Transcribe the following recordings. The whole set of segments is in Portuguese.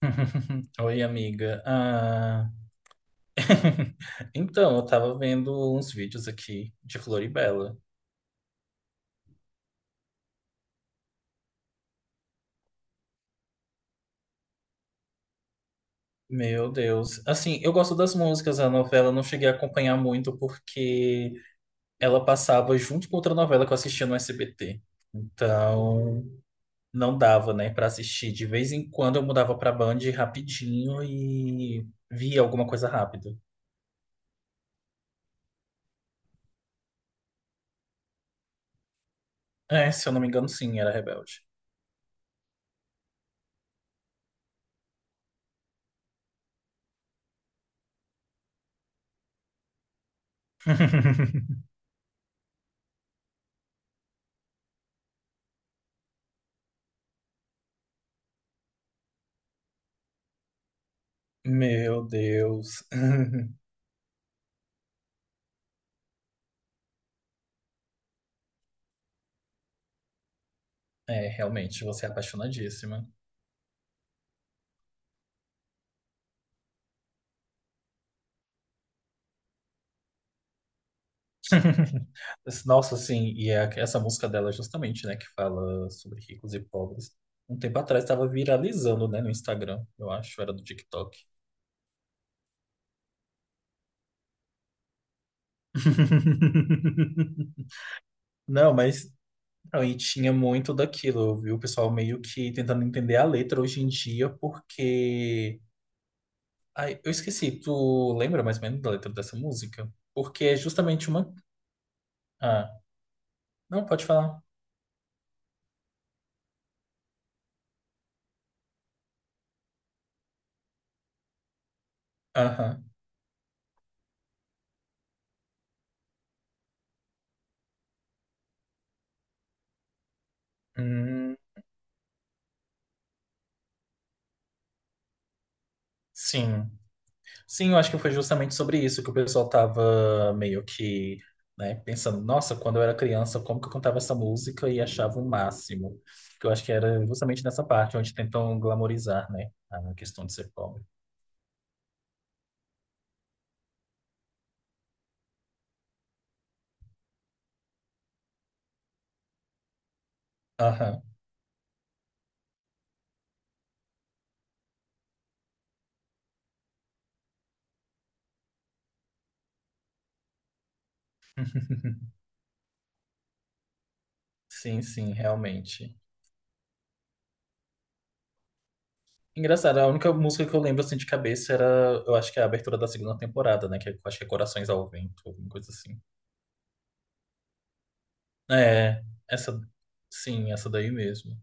Oi, amiga. Então, eu tava vendo uns vídeos aqui de Floribela. Meu Deus. Assim, eu gosto das músicas da novela, não cheguei a acompanhar muito porque ela passava junto com outra novela que eu assistia no SBT. Então, não dava, né, pra assistir. De vez em quando eu mudava pra Band rapidinho e via alguma coisa rápida. É, se eu não me engano, sim, era Rebelde. Meu Deus. É, realmente, você é apaixonadíssima. Mas, nossa, assim, essa música dela é justamente, né, que fala sobre ricos e pobres. Um tempo atrás estava viralizando, né, no Instagram, eu acho, era do TikTok. Não, mas aí tinha muito daquilo, viu? O pessoal meio que tentando entender a letra hoje em dia, porque. Ai, eu esqueci, tu lembra mais ou menos da letra dessa música? Porque é justamente uma. Ah, não, pode falar. Aham. Hum, sim. Sim, eu acho que foi justamente sobre isso que o pessoal tava meio que, né, pensando, nossa, quando eu era criança, como que eu cantava essa música e achava o máximo? Que eu acho que era justamente nessa parte onde tentam glamorizar, né, a questão de ser pobre. Aham. Sim, sim, realmente. Engraçado, a única música que eu lembro assim de cabeça era, eu acho que é a abertura da segunda temporada, né, que é, eu acho que é Corações ao Vento, alguma coisa assim. É, essa, sim, essa daí mesmo.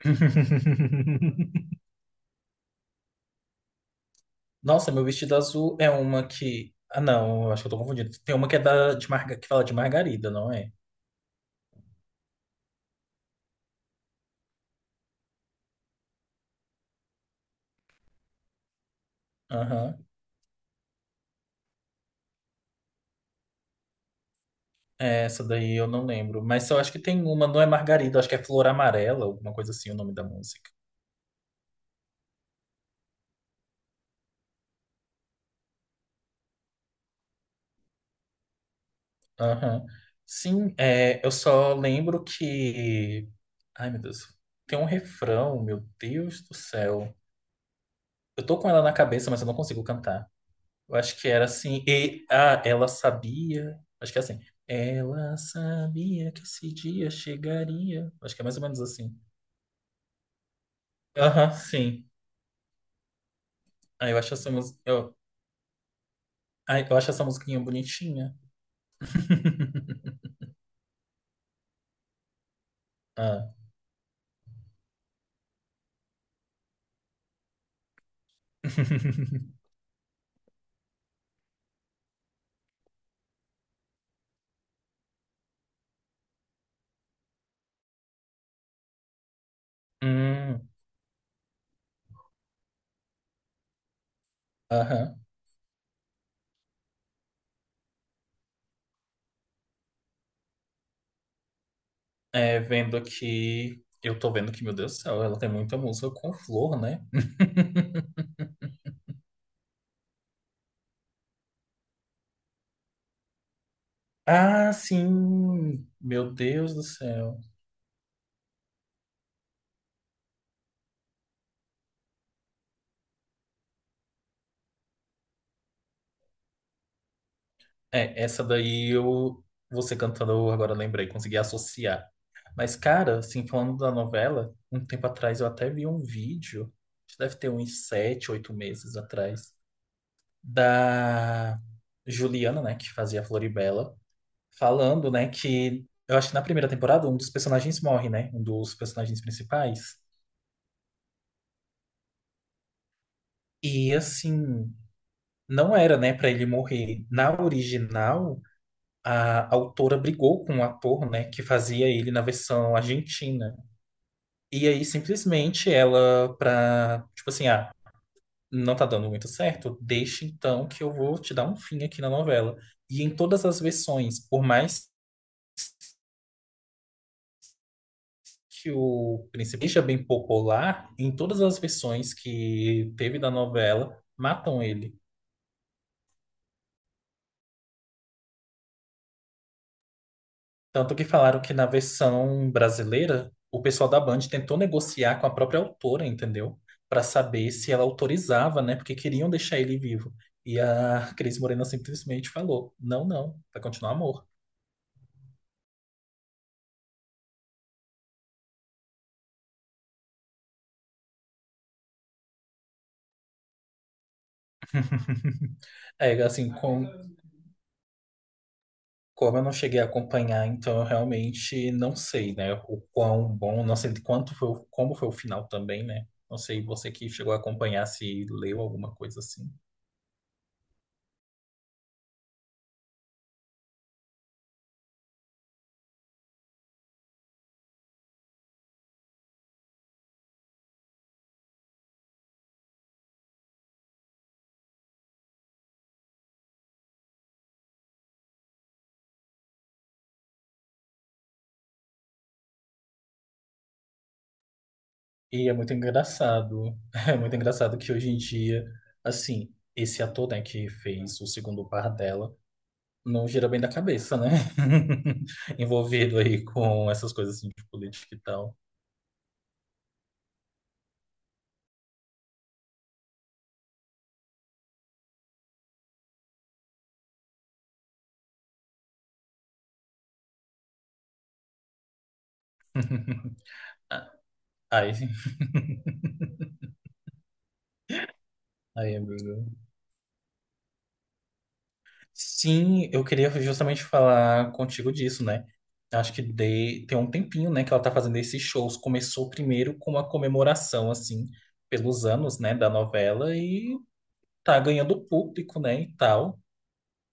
Nossa, meu vestido azul é uma que. Ah, não, eu acho que eu tô confundindo. Tem uma que é de marga... que fala de margarida, não é? Aham. É, essa daí eu não lembro. Mas eu acho que tem uma, não é margarida, acho que é flor amarela, alguma coisa assim, o nome da música. Aham. Sim, é, eu só lembro que. Ai, meu Deus. Tem um refrão, meu Deus do céu. Eu tô com ela na cabeça, mas eu não consigo cantar. Eu acho que era assim. Ela sabia. Acho que é assim. Ela sabia que esse dia chegaria. Acho que é mais ou menos assim. Aham, sim. Ah, eu acho essa música. Eu acho essa musiquinha bonitinha. Ah. Hum, aham. É, vendo que. Eu tô vendo que, meu Deus do céu, ela tem muita música com flor, né? Ah, sim! Meu Deus do céu. É, essa daí você cantando, eu agora lembrei, consegui associar. Mas, cara, assim, falando da novela, um tempo atrás eu até vi um vídeo, acho que deve ter uns sete, oito meses atrás, da Juliana, né, que fazia a Floribela, falando, né, que eu acho que na primeira temporada um dos personagens morre, né, um dos personagens principais. E, assim, não era, né, pra ele morrer. Na original. A autora brigou com o ator, né, que fazia ele na versão argentina. E aí simplesmente ela pra, tipo assim, ah, não tá dando muito certo, deixa então que eu vou te dar um fim aqui na novela. E em todas as versões, por mais que o príncipe seja bem popular, em todas as versões que teve da novela, matam ele. Tanto que falaram que na versão brasileira, o pessoal da Band tentou negociar com a própria autora, entendeu? Pra saber se ela autorizava, né? Porque queriam deixar ele vivo. E a Cris Morena simplesmente falou: não, não, vai continuar amor. É, assim, como eu não cheguei a acompanhar, então eu realmente não sei, né? O quão bom, não sei de quanto foi, o- como foi o final também, né? Não sei, você que chegou a acompanhar, se leu alguma coisa assim. E é muito engraçado. É muito engraçado que hoje em dia, assim, esse ator, né, que fez o segundo par dela, não gira bem da cabeça, né? Envolvido aí com essas coisas assim de política e tal. Ai, ai, amigo. Sim, eu queria justamente falar contigo disso, né? Acho que de, tem um tempinho, né, que ela tá fazendo esses shows. Começou primeiro com uma comemoração, assim, pelos anos, né, da novela e tá ganhando público, né, e tal.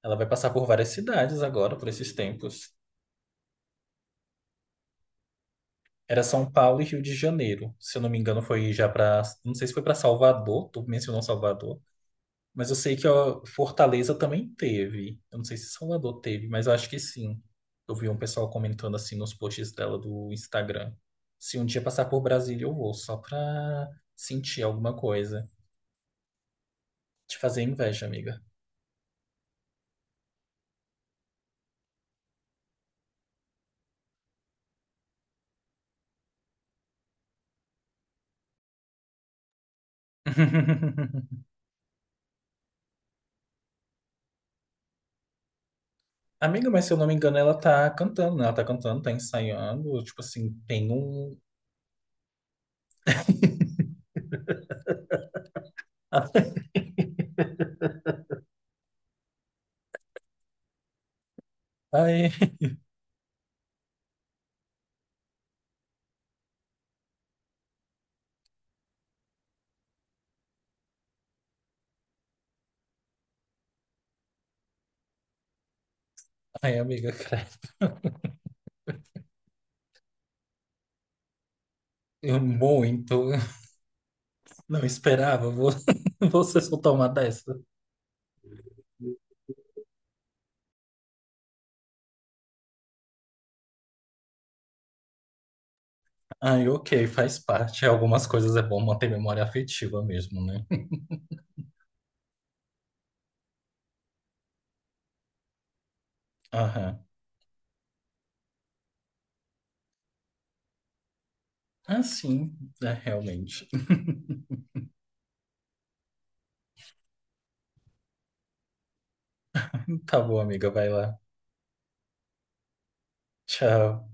Ela vai passar por várias cidades agora, por esses tempos. Era São Paulo e Rio de Janeiro. Se eu não me engano, foi já para. Não sei se foi para Salvador, tu mencionou Salvador. Mas eu sei que ó, Fortaleza também teve. Eu não sei se Salvador teve, mas eu acho que sim. Eu vi um pessoal comentando assim nos posts dela do Instagram. Se um dia passar por Brasília, eu vou, só pra sentir alguma coisa. Te fazer inveja, amiga. Amiga, mas se eu não me engano, ela tá cantando, né? Ela tá cantando, tá ensaiando. Tipo assim, tem um, ai, ai, amiga, cara, eu muito não esperava você soltar uma dessa. Ai, ok, faz parte. Algumas coisas é bom manter memória afetiva mesmo, né? Aham. Ah, sim, é, realmente. Tá bom, amiga, vai lá. Tchau.